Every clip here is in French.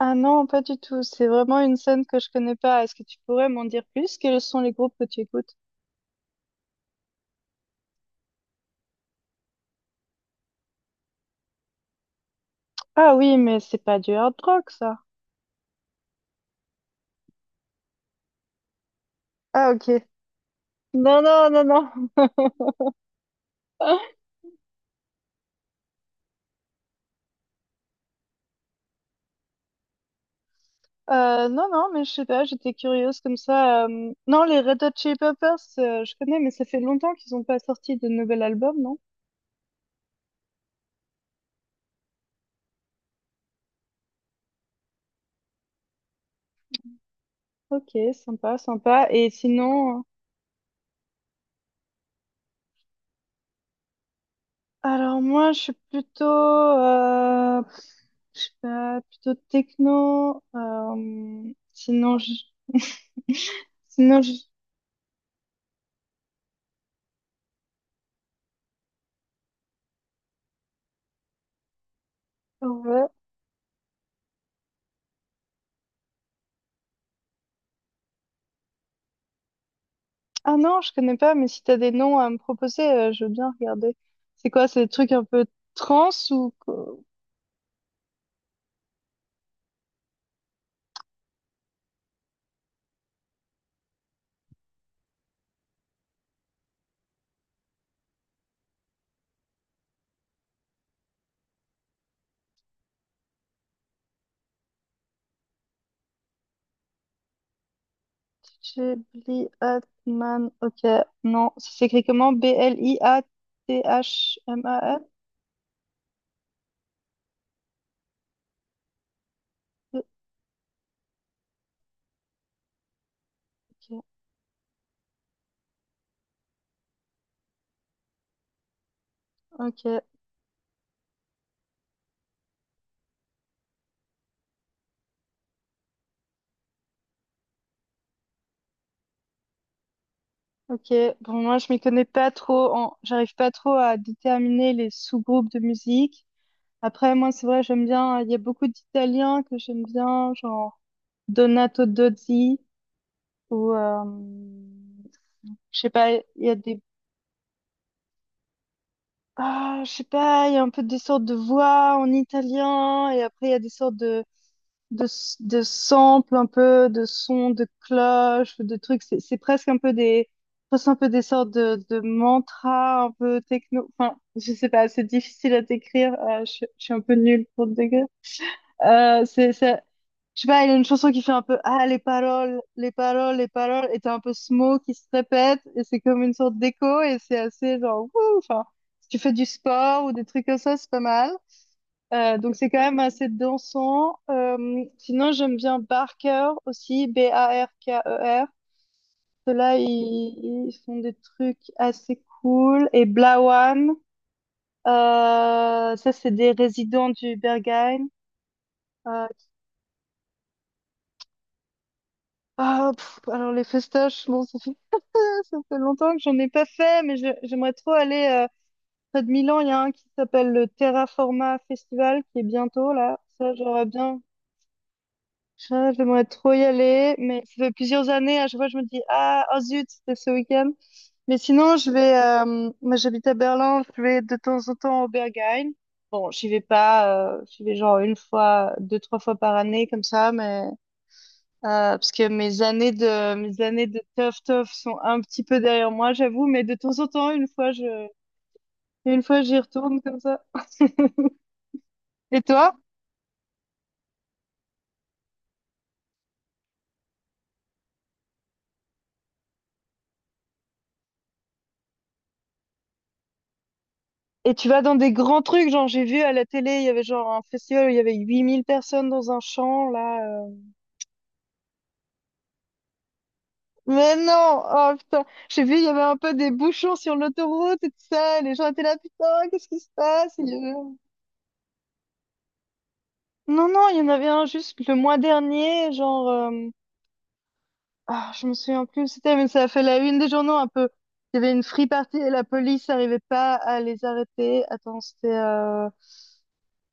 Ah non, pas du tout. C'est vraiment une scène que je connais pas. Est-ce que tu pourrais m'en dire plus? Quels sont les groupes que tu écoutes? Ah oui, mais c'est pas du hard rock, ça. Ah ok. Non, non, non, non. Non, non, mais je sais pas, j'étais curieuse comme ça. Non, les Red Hot Chili Peppers, je connais, mais ça fait longtemps qu'ils ont pas sorti de nouvel album, non? Ok, sympa, sympa. Et alors moi, je suis plutôt, je sais pas, plutôt techno. Je... ouais. Ah non, je connais pas, mais si t'as des noms à me proposer, je veux bien regarder. C'est quoi, c'est des trucs un peu trans ou... Ghibli Atman, ok. Non, ça s'écrit comment? B-L-I-A-T-H-M-A-N? Ok, ok, ok. Bon, moi, je m'y connais pas trop en... J'arrive pas trop à déterminer les sous-groupes de musique. Après, moi, c'est vrai, j'aime bien... Il y a beaucoup d'Italiens que j'aime bien, genre Donato Dozzi. Ou, je sais pas, il y a des... Ah, je sais pas, il y a un peu des sortes de voix en italien, et après il y a des sortes de, de samples, un peu de sons de cloches, de trucs. C'est presque un peu des... presque un peu des sortes de mantras, un peu techno. Enfin, je sais pas, c'est difficile à décrire. Je suis un peu nulle pour le décrire. Euh, c'est, ça- Je sais pas, il a une chanson qui fait un peu Ah, les paroles, les paroles, les paroles, et t'as un peu ce mot qui se répète, et c'est comme une sorte d'écho, et c'est assez genre, wouh, enfin, si tu fais du sport ou des trucs comme ça, c'est pas mal. Donc c'est quand même assez dansant. Sinon, j'aime bien Barker aussi, B-A-R-K-E-R. Ceux-là, ils font des trucs assez cool. Et Blawan, ça, c'est des résidents du Berghain. Euh, ah, pff, alors les festoches, bon, ça ça fait longtemps que j'en ai pas fait, mais j'aimerais trop aller près de Milan. Il y a un qui s'appelle le Terraforma Festival qui est bientôt là. Ça, j'aurais bien. Ça, j'aimerais trop y aller, mais ça fait plusieurs années. À chaque fois, je me dis, ah, oh zut, c'était ce week-end. Mais sinon, je vais. Moi, j'habite à Berlin. Je vais de temps en temps au Berghain. Bon, j'y vais pas. J'y vais genre une fois, deux, trois fois par année comme ça, mais euh, parce que mes années de tough tough sont un petit peu derrière moi, j'avoue, mais de temps en temps, une fois j'y retourne comme ça. Et toi? Et tu vas dans des grands trucs, genre j'ai vu à la télé, il y avait genre un festival où il y avait 8 000 personnes dans un champ, là. euh. Mais non! Oh putain! J'ai vu, il y avait un peu des bouchons sur l'autoroute et tout ça, et les gens étaient là, putain, qu'est-ce qui se passe? Non, non, il y en avait un juste le mois dernier, genre. Ah, je me souviens plus où c'était, mais ça a fait la une des journaux un peu. Il y avait une free party et la police n'arrivait pas à les arrêter.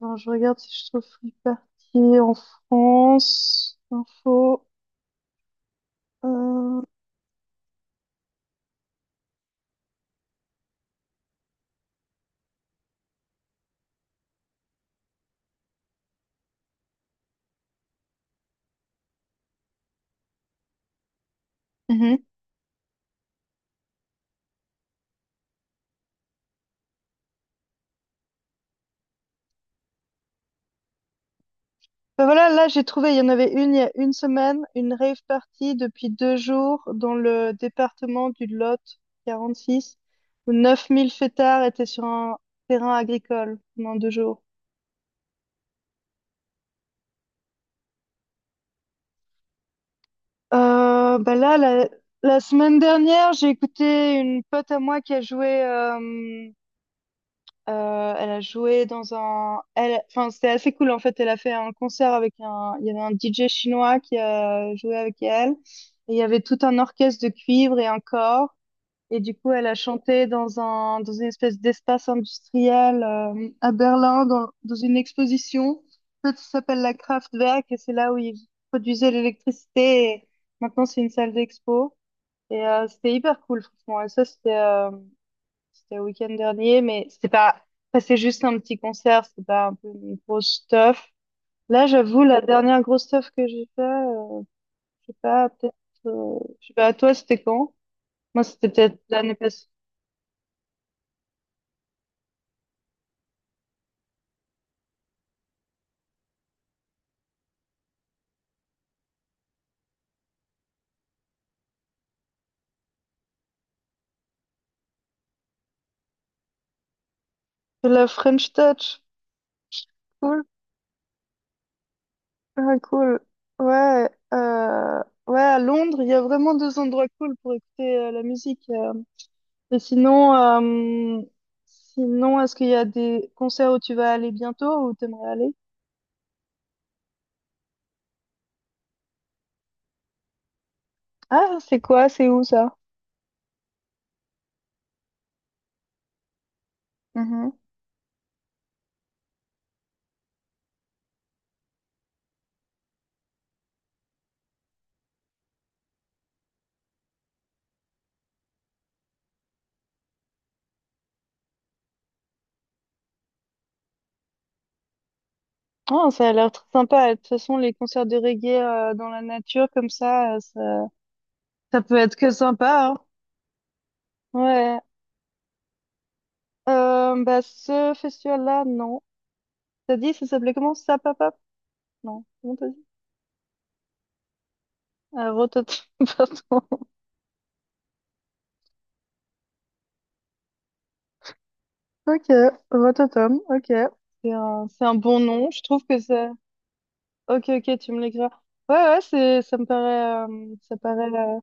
Non, je regarde si je trouve free party en France. Info. Euh... mhm. Ben voilà, là j'ai trouvé, il y en avait une il y a une semaine, une rave party depuis deux jours dans le département du Lot 46, où 9 000 fêtards étaient sur un terrain agricole pendant deux jours. Euh, bah là, la, la semaine dernière, j'ai écouté une pote à moi qui a joué. Elle a joué dans un. Elle, enfin, c'était assez cool en fait. Elle a fait un concert avec un. Il y avait un DJ chinois qui a joué avec elle. Et il y avait tout un orchestre de cuivre et un corps. Et du coup, elle a chanté dans une espèce d'espace industriel à Berlin, dans une exposition. En fait, ça s'appelle la Kraftwerk, et c'est là où ils produisaient l'électricité. Et maintenant, c'est une salle d'expo. Et c'était hyper cool, franchement. Et ça, c'était le week-end dernier, mais c'était pas... enfin, c'est juste un petit concert, c'était pas un peu une grosse stuff. Là, j'avoue, la dernière grosse stuff que j'ai fait, je sais pas, peut-être... je sais pas, toi, c'était quand? Moi, c'était peut-être l'année passée. De la French Touch. Cool. Ah, cool. Ouais, à Londres, il y a vraiment deux endroits cool pour écouter la musique. Et sinon, est-ce qu'il y a des concerts où tu vas aller bientôt ou t'aimerais aller? Ah, c'est quoi? C'est où ça? Mhm. Oh, ça a l'air très sympa. De toute façon, les concerts de reggae dans la nature comme ça, ça, ça peut être que sympa, hein. Ouais. Bah, ce festival-là, non. T'as dit, ça s'appelait comment? Sapapap? Non, comment t'as dit? Rototom, pardon. Ok, Rototom, ok. C'est un bon nom. Je trouve que c'est. Ok, ok, tu me l'écriras. Ouais, ouais, ça me paraît, ça paraît. euh,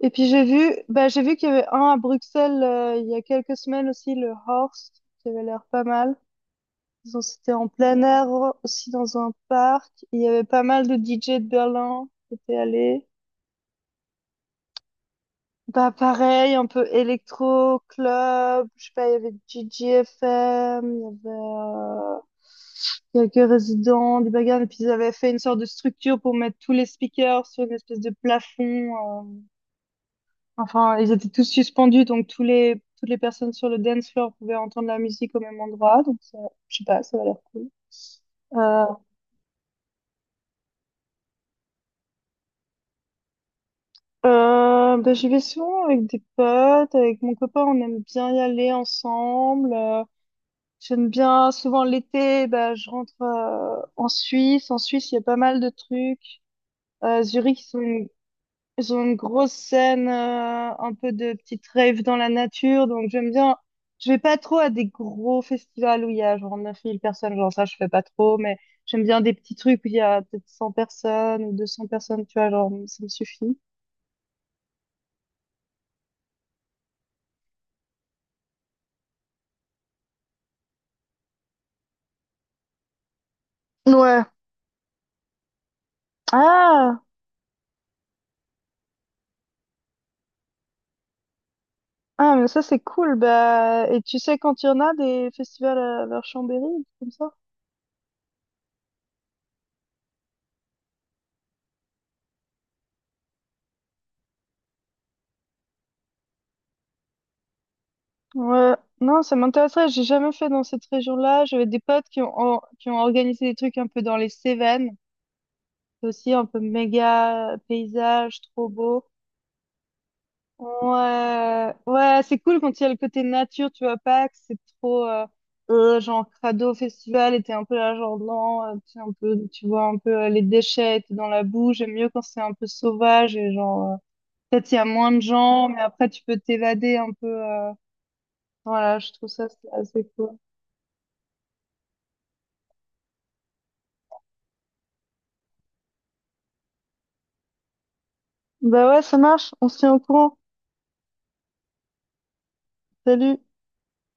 Et puis j'ai vu, bah j'ai vu qu'il y avait un à Bruxelles il y a quelques semaines aussi, le Horst, qui avait l'air pas mal. C'était en plein air aussi dans un parc. Il y avait pas mal de DJ de Berlin qui étaient allés. Bah pareil, un peu électro club. Je sais pas, il y avait DJFM, il y avait. Quelques résidents, des bagarres, et puis ils avaient fait une sorte de structure pour mettre tous les speakers sur une espèce de plafond. euh, Enfin, ils étaient tous suspendus, donc toutes les personnes sur le dance floor pouvaient entendre la musique au même endroit. Donc, ça, je sais pas, ça a l'air cool. Euh, Bah, j'y vais souvent avec des potes, avec mon copain, on aime bien y aller ensemble. J'aime bien souvent l'été, bah, je rentre en Suisse. En Suisse, il y a pas mal de trucs. Zurich, ils sont ils ont une grosse scène, un peu de petite rave dans la nature, donc j'aime bien. Je vais pas trop à des gros festivals où il y a genre 9 000 personnes, genre ça je fais pas trop, mais j'aime bien des petits trucs où il y a peut-être 100 personnes ou 200 personnes, tu vois, genre ça me suffit. Ouais. Ah, ah mais ça c'est cool, bah et tu sais quand il y en a des festivals vers Chambéry, comme ça? Ouais, non, ça m'intéresserait, j'ai jamais fait dans cette région-là, j'avais des potes qui ont organisé des trucs un peu dans les Cévennes. C'est aussi un peu méga paysage, trop beau. Ouais, ouais, c'est cool quand il y a le côté nature, tu vois pas que c'est trop genre crado festival et t'es un peu là genre non, t'es un peu, tu vois un peu les déchets et t'es dans la boue. J'aime mieux quand c'est un peu sauvage et genre peut-être il y a moins de gens, mais après tu peux t'évader un peu. Voilà, je trouve ça c'est assez cool. Bah ouais, ça marche. On se tient au courant. Salut.